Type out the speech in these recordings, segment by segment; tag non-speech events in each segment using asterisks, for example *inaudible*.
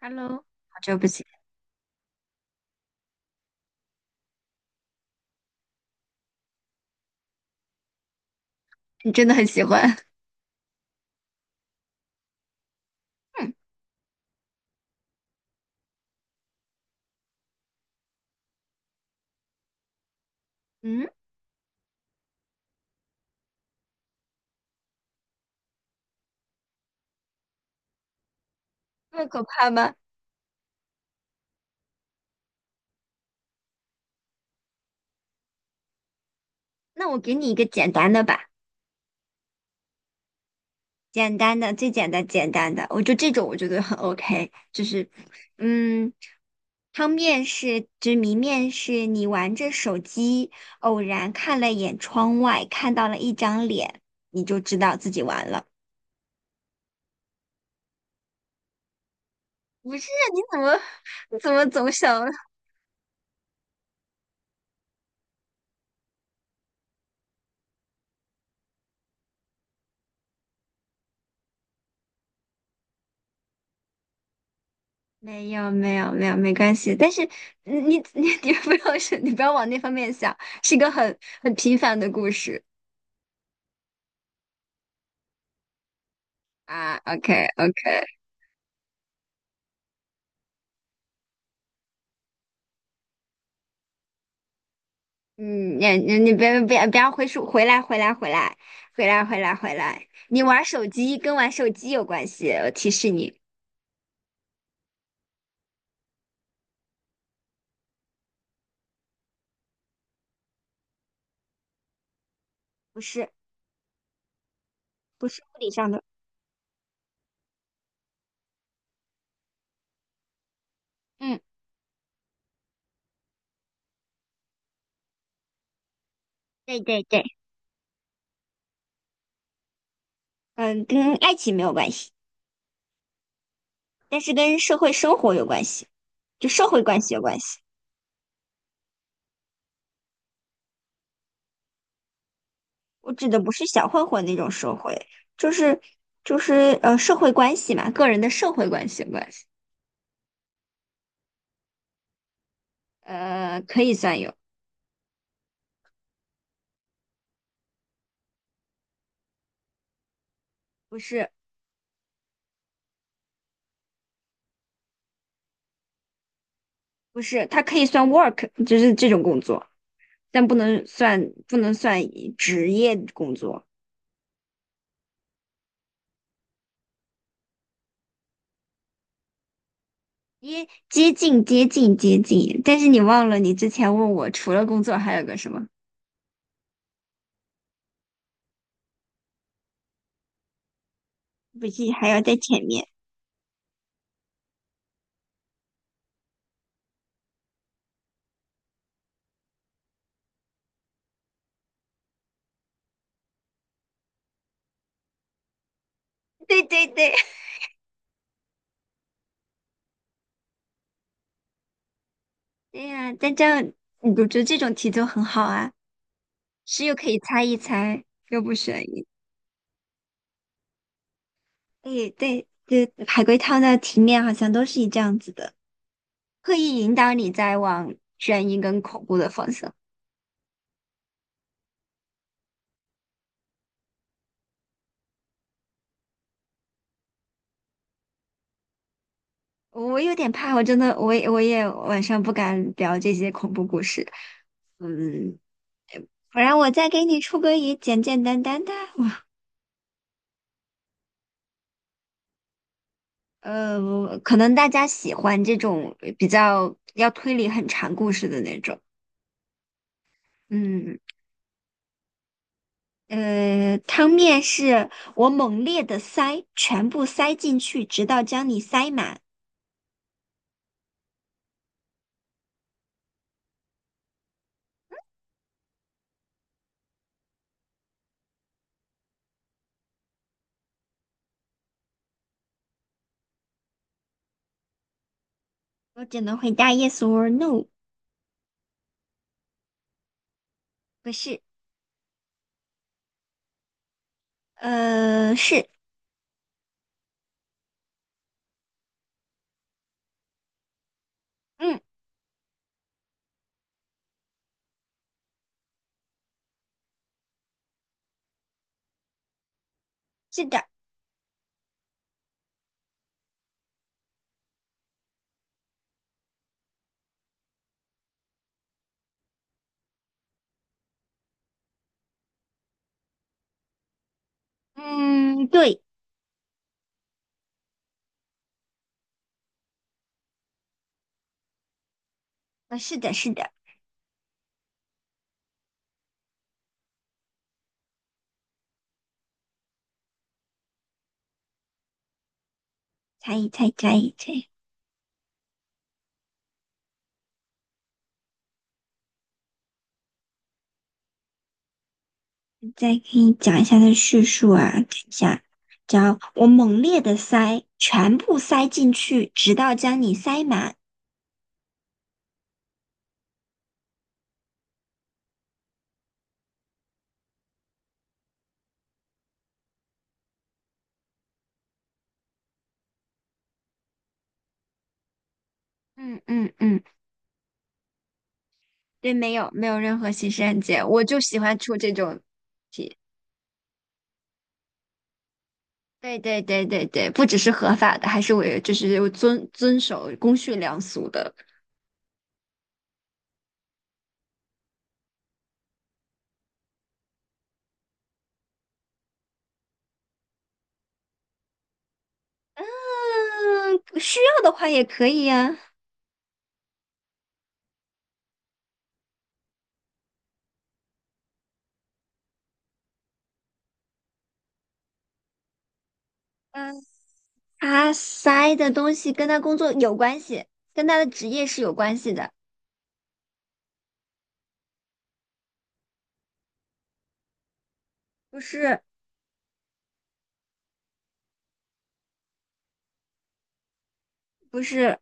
Hello，好久不见，你真的很喜欢。嗯嗯，那么可怕吗？那我给你一个简单的吧，简单的，最简单，简单的，我就这种我觉得很 OK。就是，嗯，汤面是就是谜面是你玩着手机，偶然看了眼窗外，看到了一张脸，你就知道自己完了。不是，你怎么你怎么总想没有没有没有，没关系。但是嗯你你 *laughs* 你不要是，你不要往那方面想，是一个很平凡的故事啊。OK OK，嗯，你你你别不要回溯，回来回来回来，你玩手机跟玩手机有关系，我提示你，不是不是物理上的，嗯，对对对，嗯，跟爱情没有关系，但是跟社会生活有关系，就社会关系有关系。我指的不是小混混那种社会，就是就是呃社会关系嘛，个人的社会关系，呃可以算有，不是不是，它可以算 work，就是这种工作，但不能算职业工作，接近，但是你忘了你之前问我除了工作还有个什么，不是还要在前面？*laughs* 对对对，对呀、但这样我觉得这种题就很好啊，是又可以猜一猜，又不选疑。对对，就海龟汤的题面好像都是以这样子的，刻意引导你在往悬疑跟恐怖的方向。我有点怕，我真的，我也晚上不敢聊这些恐怖故事。嗯，不然我再给你出个也简简单单的。哇呃，可能大家喜欢这种比较要推理很长故事的那种。嗯，呃，汤面是我猛烈的塞，全部塞进去，直到将你塞满。我只能回答 yes or no，不是，呃，是，嗯，是的，嗯，对，呃，是的，是的，猜一猜，猜一猜，再给你讲一下它的叙述啊，等一下，只要我猛烈的塞，全部塞进去，直到将你塞满。嗯嗯嗯，对，没有没有任何刑事案件，我就喜欢出这种题。对对对对对，不只是合法的，还是我就是遵守公序良俗的。嗯，需要的话也可以呀、嗯，他塞的东西跟他工作有关系，跟他的职业是有关系的。不是，不是，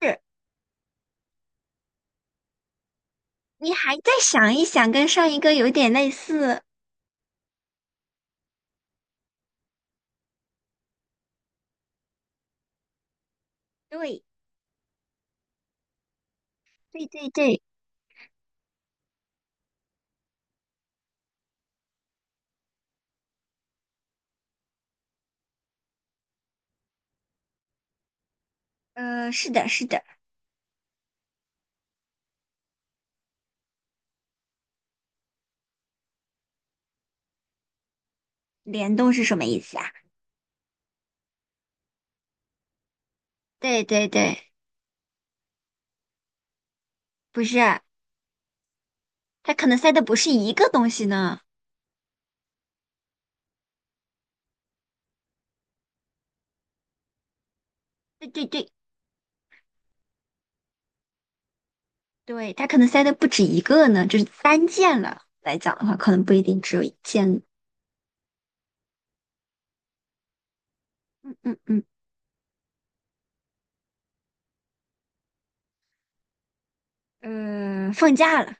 是你还再想一想，跟上一个有点类似。对，对对对，呃，是的，是的，联动是什么意思啊？对对对，不是，他可能塞的不是一个东西呢。对对对，对，他可能塞的不止一个呢，就是单件了。来讲的话，可能不一定只有一件。嗯嗯嗯。嗯，放假了，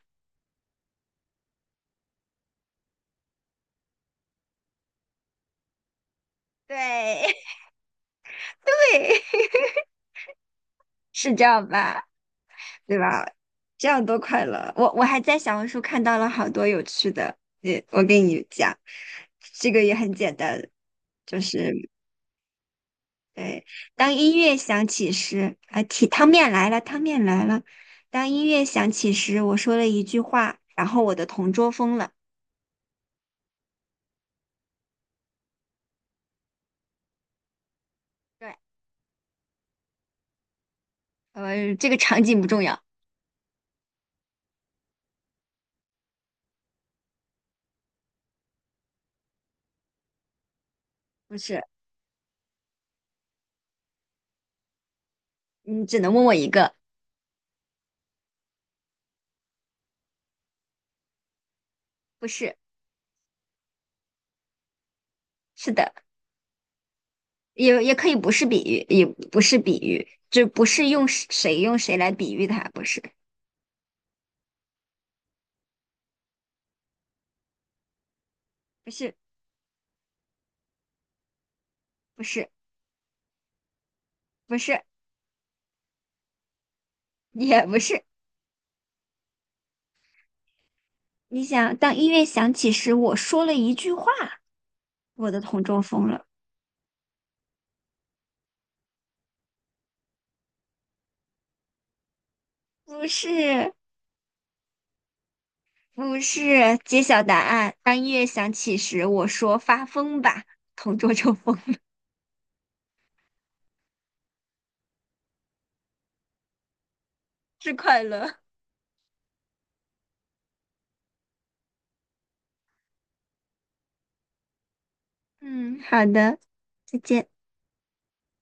对 *laughs* 对，是这样吧？对吧？这样多快乐！我我还在小红书看到了好多有趣的，也我跟你讲，这个也很简单，就是对，当音乐响起时，啊，提汤面来了，汤面来了。当音乐响起时，我说了一句话，然后我的同桌疯了。对，呃，这个场景不重要，不是，你只能问我一个，不是，是的。也也可以不是比喻，也不是比喻，就不是用谁来比喻它，不是，不是，不是，不是，也不是。你想，当音乐响起时，我说了一句话，我的同桌疯了。不是，不是。揭晓答案。当音乐响起时，我说发疯吧，同桌就疯了，是快乐。嗯，好的，再见。